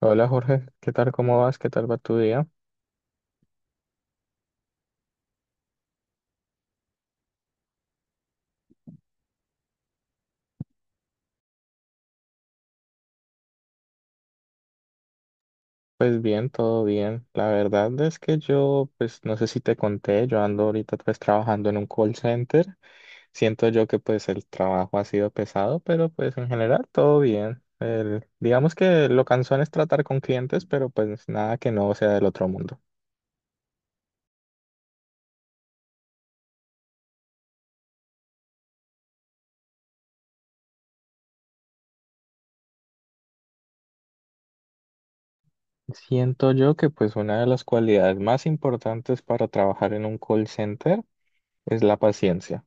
Hola Jorge, ¿qué tal? ¿Cómo vas? ¿Qué tal va tu día? Pues bien, todo bien. La verdad es que yo, pues no sé si te conté, yo ando ahorita pues trabajando en un call center. Siento yo que pues el trabajo ha sido pesado, pero pues en general todo bien. Digamos que lo cansón es tratar con clientes, pero pues nada que no sea del otro mundo. Siento yo que pues una de las cualidades más importantes para trabajar en un call center es la paciencia.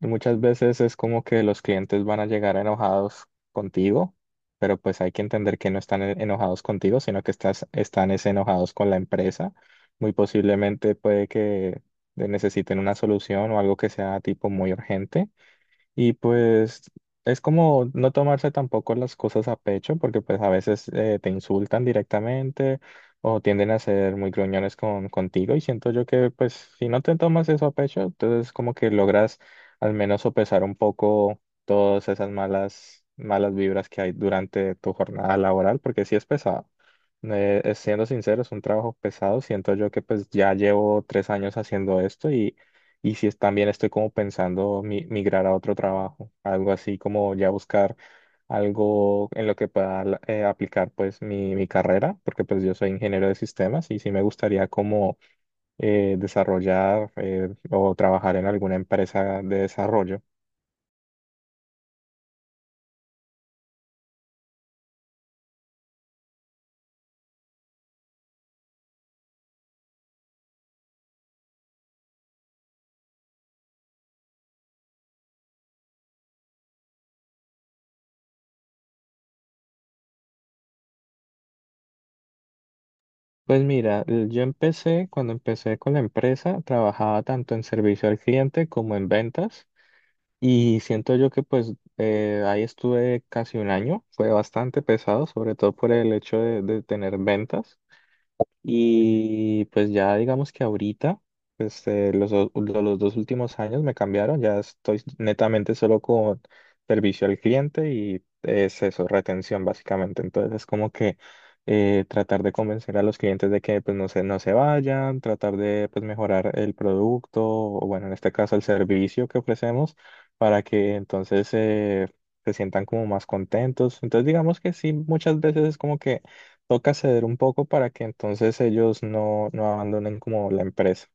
Y muchas veces es como que los clientes van a llegar enojados contigo, pero pues hay que entender que no están enojados contigo, sino que están es enojados con la empresa. Muy posiblemente puede que necesiten una solución o algo que sea tipo muy urgente. Y pues es como no tomarse tampoco las cosas a pecho, porque pues a veces te insultan directamente o tienden a ser muy gruñones contigo, y siento yo que pues si no te tomas eso a pecho, entonces como que logras al menos sopesar un poco todas esas malas vibras que hay durante tu jornada laboral, porque sí es pesado. Siendo sincero, es un trabajo pesado. Siento yo que pues ya llevo tres años haciendo esto, y si es- también estoy como pensando migrar a otro trabajo, algo así como ya buscar algo en lo que pueda aplicar pues mi carrera, porque pues yo soy ingeniero de sistemas y sí me gustaría como desarrollar o trabajar en alguna empresa de desarrollo. Pues mira, yo empecé, cuando empecé con la empresa, trabajaba tanto en servicio al cliente como en ventas. Y siento yo que pues ahí estuve casi un año, fue bastante pesado, sobre todo por el hecho de tener ventas. Y pues ya digamos que ahorita, pues los dos últimos años me cambiaron, ya estoy netamente solo con servicio al cliente y es eso, retención básicamente. Entonces es como que tratar de convencer a los clientes de que pues no se vayan, tratar de pues mejorar el producto o bueno, en este caso el servicio que ofrecemos para que entonces se sientan como más contentos. Entonces digamos que sí, muchas veces es como que toca ceder un poco para que entonces ellos no abandonen como la empresa.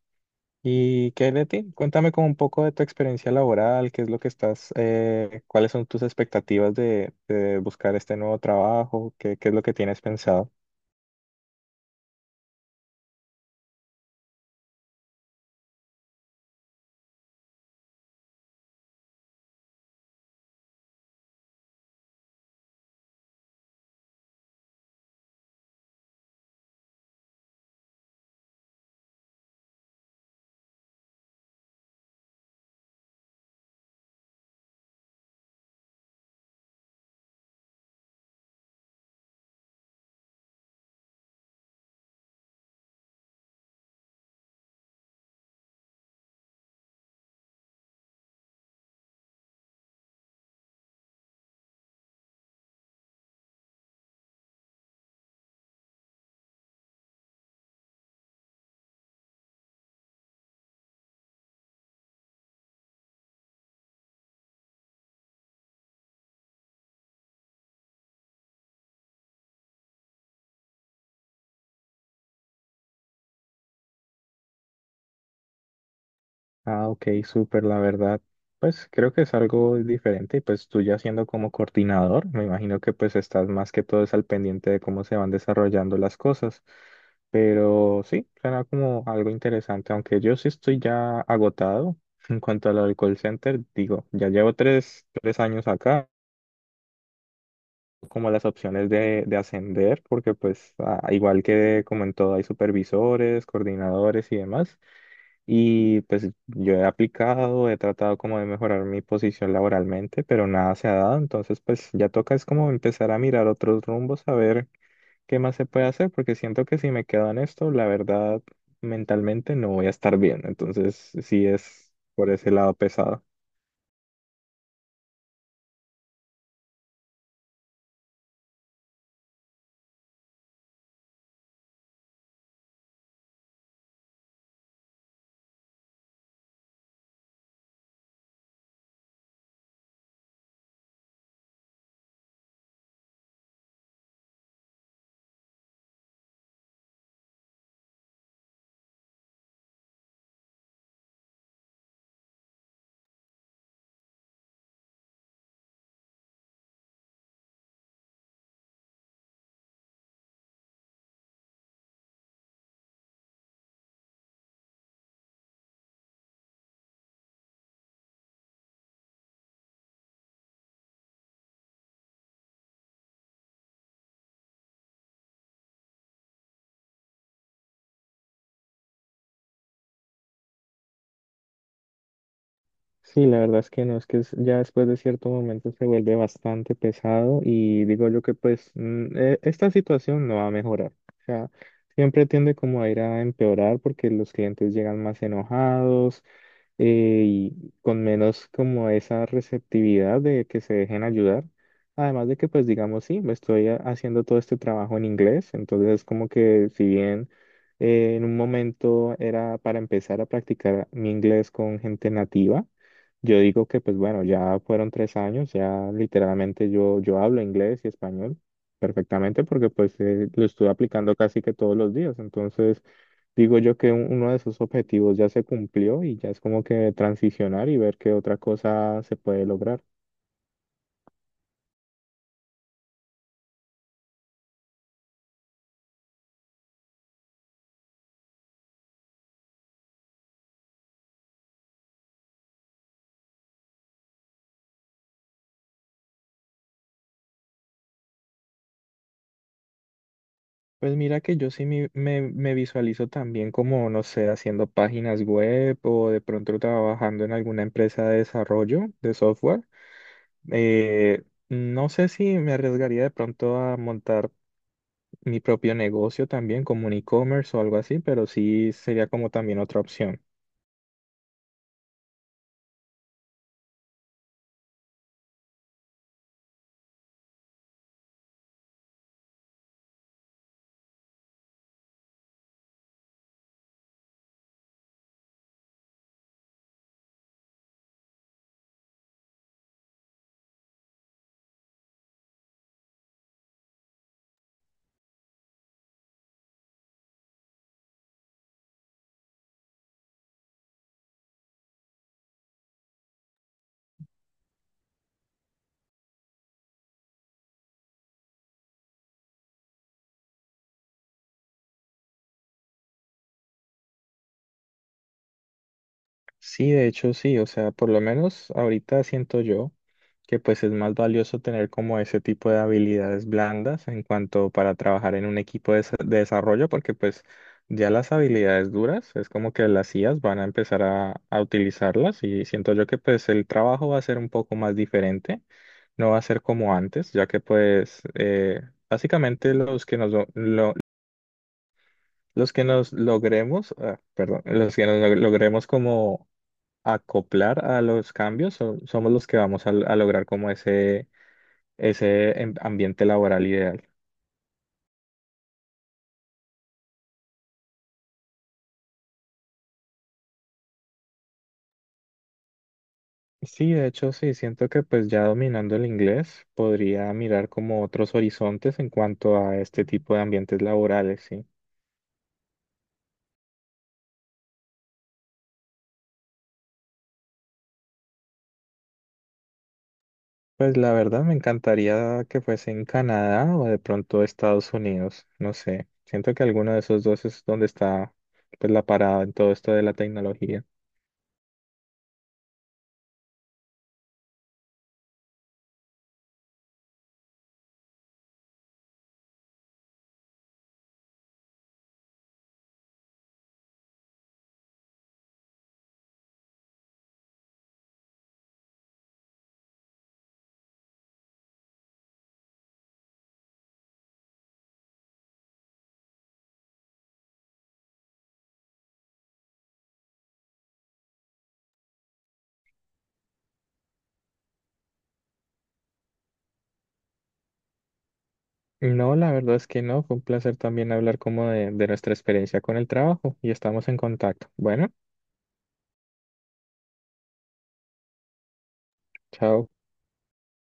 ¿Y qué hay de ti? Cuéntame como un poco de tu experiencia laboral, qué es lo que estás, cuáles son tus expectativas de buscar este nuevo trabajo, qué es lo que tienes pensado. Ah, ok, súper, la verdad. Pues creo que es algo diferente, y pues tú ya siendo como coordinador, me imagino que pues estás más que todo es al pendiente de cómo se van desarrollando las cosas. Pero sí, suena como algo interesante, aunque yo sí estoy ya agotado en cuanto al alcohol center, digo, ya llevo tres años acá, como las opciones de ascender, porque pues igual que como en todo hay supervisores, coordinadores y demás. Y pues yo he aplicado, he tratado como de mejorar mi posición laboralmente, pero nada se ha dado. Entonces pues ya toca es como empezar a mirar otros rumbos, a ver qué más se puede hacer, porque siento que si me quedo en esto, la verdad, mentalmente no voy a estar bien. Entonces sí es por ese lado pesado. Sí, la verdad es que no, es que ya después de cierto momento se vuelve bastante pesado, y digo yo que pues esta situación no va a mejorar. O sea, siempre tiende como a ir a empeorar porque los clientes llegan más enojados, y con menos como esa receptividad de que se dejen ayudar. Además de que pues digamos, sí, me estoy haciendo todo este trabajo en inglés, entonces es como que si bien en un momento era para empezar a practicar mi inglés con gente nativa, yo digo que pues bueno, ya fueron tres años, ya literalmente yo hablo inglés y español perfectamente porque pues lo estuve aplicando casi que todos los días. Entonces, digo yo que uno de sus objetivos ya se cumplió y ya es como que transicionar y ver qué otra cosa se puede lograr. Pues mira que yo sí me visualizo también como, no sé, haciendo páginas web o de pronto trabajando en alguna empresa de desarrollo de software. Eh, no sé si me arriesgaría de pronto a montar mi propio negocio también, como un e-commerce o algo así, pero sí sería como también otra opción. Sí, de hecho sí, o sea, por lo menos ahorita siento yo que pues es más valioso tener como ese tipo de habilidades blandas en cuanto para trabajar en un equipo de desarrollo, porque pues ya las habilidades duras es como que las IAs van a empezar a utilizarlas, y siento yo que pues el trabajo va a ser un poco más diferente, no va a ser como antes, ya que pues... Básicamente los que nos, Los que nos logremos, perdón, los que nos logremos como acoplar a los cambios, somos los que vamos a lograr como ese ambiente laboral ideal. Sí, de hecho, sí, siento que pues ya dominando el inglés podría mirar como otros horizontes en cuanto a este tipo de ambientes laborales, sí. Pues la verdad me encantaría que fuese en Canadá o de pronto Estados Unidos, no sé. Siento que alguno de esos dos es donde está pues la parada en todo esto de la tecnología. No, la verdad es que no. Fue un placer también hablar como de nuestra experiencia con el trabajo y estamos en contacto. Bueno, chao.